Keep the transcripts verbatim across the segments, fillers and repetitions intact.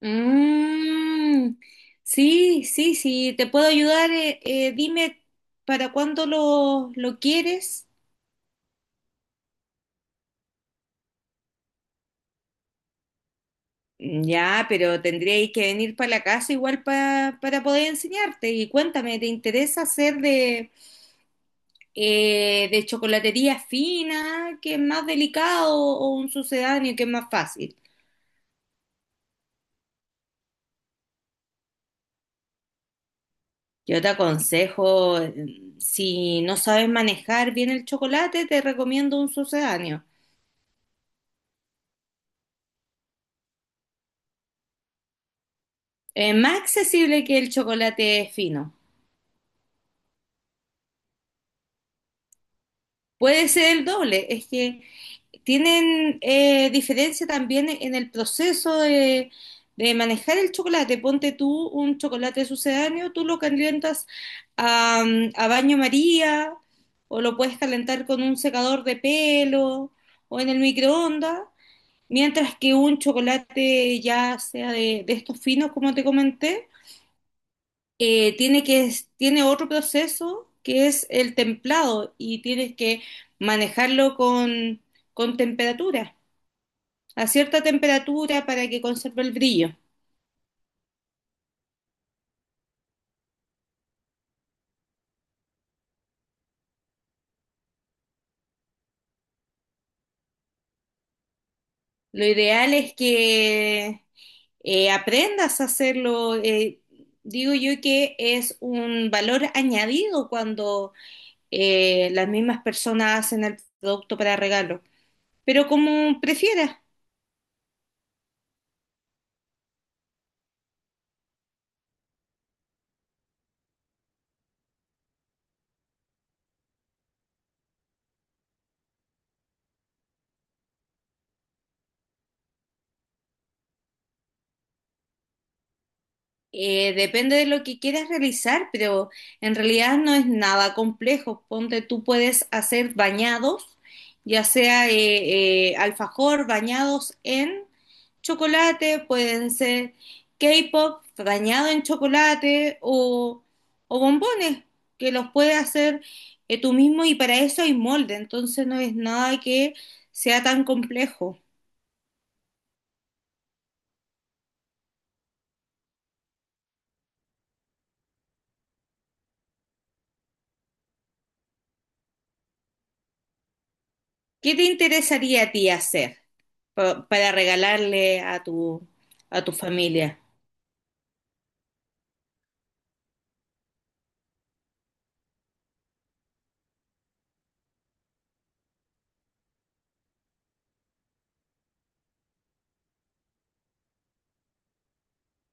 Mm, sí, sí, sí, te puedo ayudar. Eh, eh, dime para cuándo lo, lo quieres. Ya, pero tendríais que venir para la casa igual pa- para poder enseñarte. Y cuéntame, ¿te interesa hacer de, eh, de chocolatería fina, que es más delicado, o un sucedáneo, que es más fácil? Yo te aconsejo, eh, si no sabes manejar bien el chocolate, te recomiendo un sucedáneo. Eh, más accesible que el chocolate fino. Puede ser el doble, es que tienen eh, diferencia también en el proceso de, de manejar el chocolate. Ponte tú un chocolate sucedáneo, tú lo calientas a, a baño María o lo puedes calentar con un secador de pelo o en el microondas, mientras que un chocolate ya sea de, de estos finos, como te comenté, eh, tiene que, tiene otro proceso que es el templado y tienes que manejarlo con, con temperatura, a cierta temperatura para que conserve el brillo. Lo ideal es que eh, aprendas a hacerlo. Eh, digo yo que es un valor añadido cuando eh, las mismas personas hacen el producto para regalo, pero como prefieras. Eh, depende de lo que quieras realizar, pero en realidad no es nada complejo. Ponte, tú puedes hacer bañados, ya sea eh, eh, alfajor, bañados en chocolate, pueden ser K-pop bañado en chocolate o, o bombones, que los puedes hacer eh, tú mismo y para eso hay molde, entonces no es nada que sea tan complejo. ¿Qué te interesaría a ti hacer pa- para regalarle a tu, a tu familia?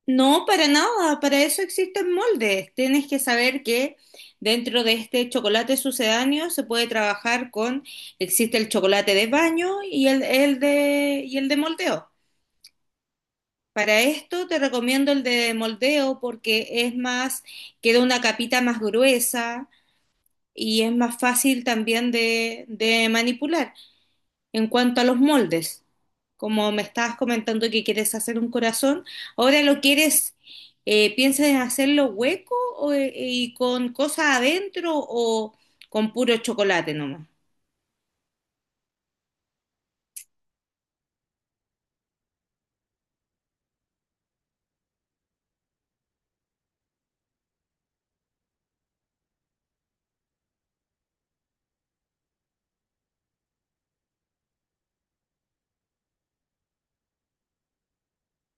No, para nada, para eso existen moldes. Tienes que saber que dentro de este chocolate sucedáneo se puede trabajar con, existe el chocolate de baño y el, el de, y el de moldeo. Para esto te recomiendo el de moldeo porque es más, queda una capita más gruesa y es más fácil también de de manipular. En cuanto a los moldes, como me estabas comentando que quieres hacer un corazón, ¿ahora lo quieres, eh, piensas en hacerlo hueco o, eh, y con cosas adentro o con puro chocolate nomás?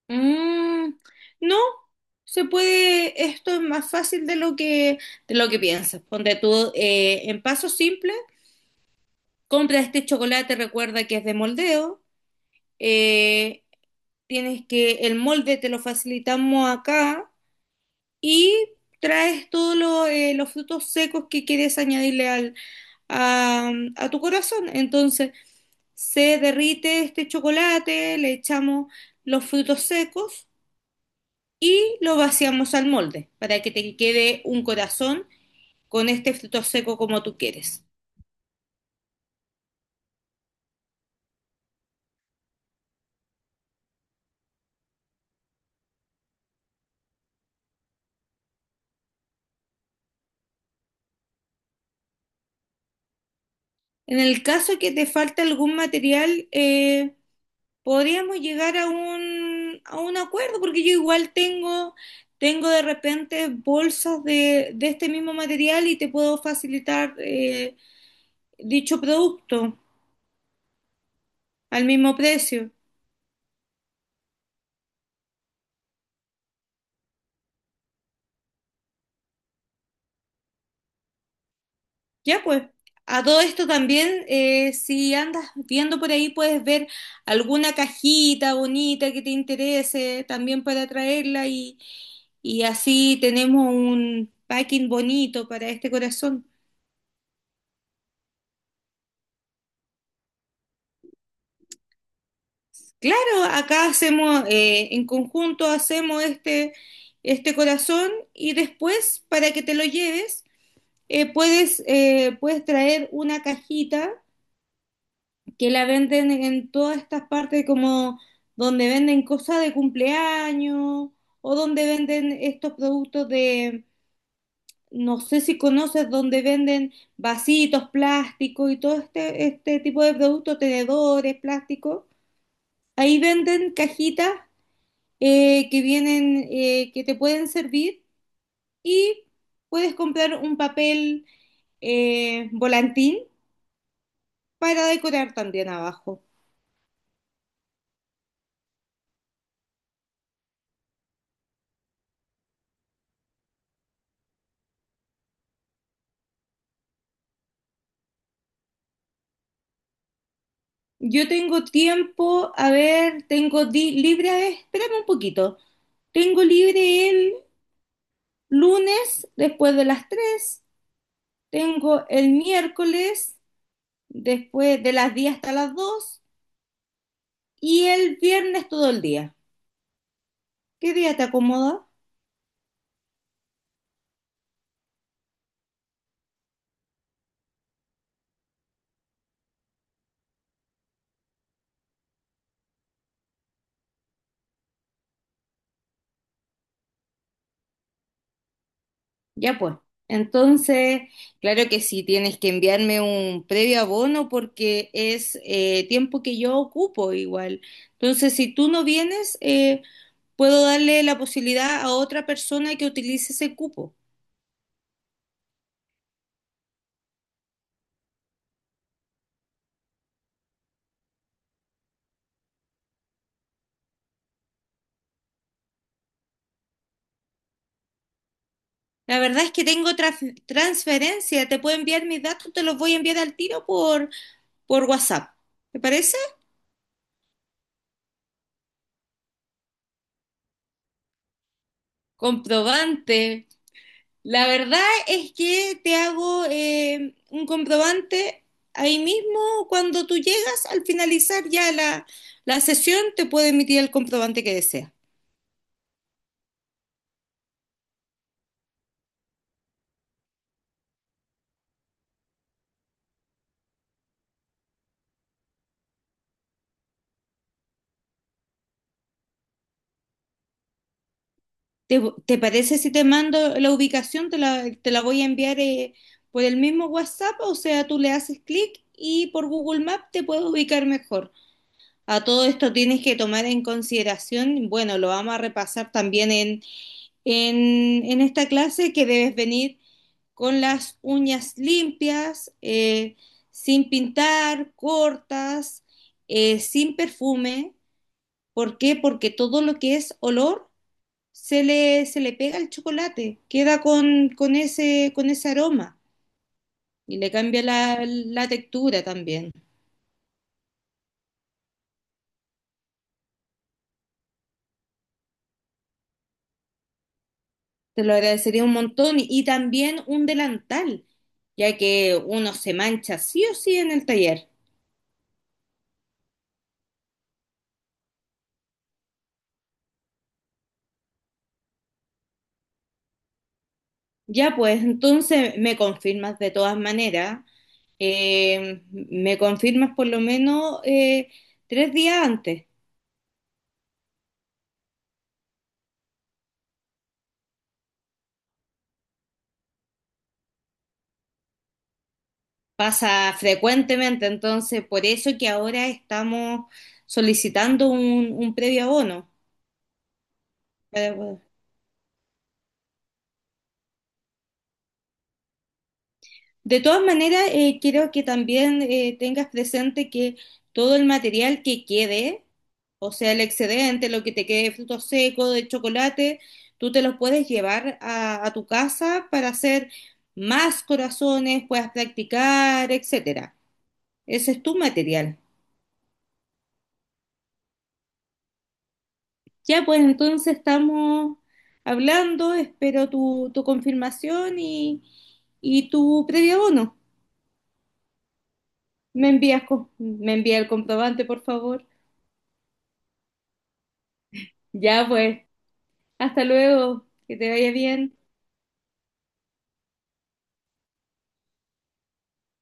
Mm, no, se puede, esto es más fácil de lo que, de lo que piensas. Ponte tú eh, en paso simple, compra este chocolate, recuerda que es de moldeo, eh, tienes que, el molde te lo facilitamos acá y traes todos lo- eh, los frutos secos que quieres añadirle al, a, a tu corazón. Entonces, se derrite este chocolate, le echamos los frutos secos y lo vaciamos al molde para que te quede un corazón con este fruto seco como tú quieres. En el caso que te falte algún material, eh, podríamos llegar a un, a un acuerdo, porque yo igual tengo, tengo de repente bolsas de, de este mismo material y te puedo facilitar eh, dicho producto al mismo precio. Ya pues, a todo esto también, eh, si andas viendo por ahí, puedes ver alguna cajita bonita que te interese también para traerla y, y así tenemos un packing bonito para este corazón. Claro, acá hacemos, eh, en conjunto hacemos este, este corazón y después para que te lo lleves eh, puedes, eh, puedes traer una cajita que la venden en todas estas partes como donde venden cosas de cumpleaños o donde venden estos productos de, no sé si conoces, donde venden vasitos, plásticos y todo este, este tipo de productos, tenedores, plásticos. Ahí venden cajitas eh, que vienen, eh, que te pueden servir y puedes comprar un papel eh, volantín para decorar también abajo. Yo tengo tiempo, a ver, tengo di- libre, a ver, espérame un poquito, tengo libre el lunes después de las tres, tengo el miércoles después de las diez hasta las dos y el viernes todo el día. ¿Qué día te acomoda? Ya, pues. Entonces, claro que sí, tienes que enviarme un previo abono porque es eh, tiempo que yo ocupo igual. Entonces, si tú no vienes, eh, puedo darle la posibilidad a otra persona que utilice ese cupo. La verdad es que tengo traf- transferencia, te puedo enviar mis datos, te los voy a enviar al tiro por, por WhatsApp. ¿Te parece? Comprobante. La verdad es que te hago eh, un comprobante ahí mismo cuando tú llegas, al finalizar ya la, la sesión, te puedo emitir el comprobante que deseas. ¿Te, ¿Te parece si te mando la ubicación? Te la, te la voy a enviar eh, por el mismo WhatsApp, o sea, tú le haces clic y por Google Maps te puedes ubicar mejor. A todo esto tienes que tomar en consideración, bueno, lo vamos a repasar también en, en, en esta clase, que debes venir con las uñas limpias, eh, sin pintar, cortas, eh, sin perfume. ¿Por qué? Porque todo lo que es olor se le, se le pega al chocolate, queda con, con ese, con ese aroma y le cambia la, la textura también. Te lo agradecería un montón y, y también un delantal, ya que uno se mancha sí o sí en el taller. Ya, pues entonces me confirmas de todas maneras, eh, me confirmas por lo menos eh, tres días antes. Pasa frecuentemente, entonces por eso que ahora estamos solicitando un, un previo abono. De todas maneras, eh, quiero que también eh, tengas presente que todo el material que quede, o sea, el excedente, lo que te quede de frutos secos, de chocolate, tú te los puedes llevar a, a tu casa para hacer más corazones, puedas practicar, etcétera. Ese es tu material. Ya, pues entonces estamos hablando, espero tu, tu confirmación y, y tu previo abono. Me envías, co- me envía el comprobante, por favor. Ya, pues. Hasta luego, que te vaya bien.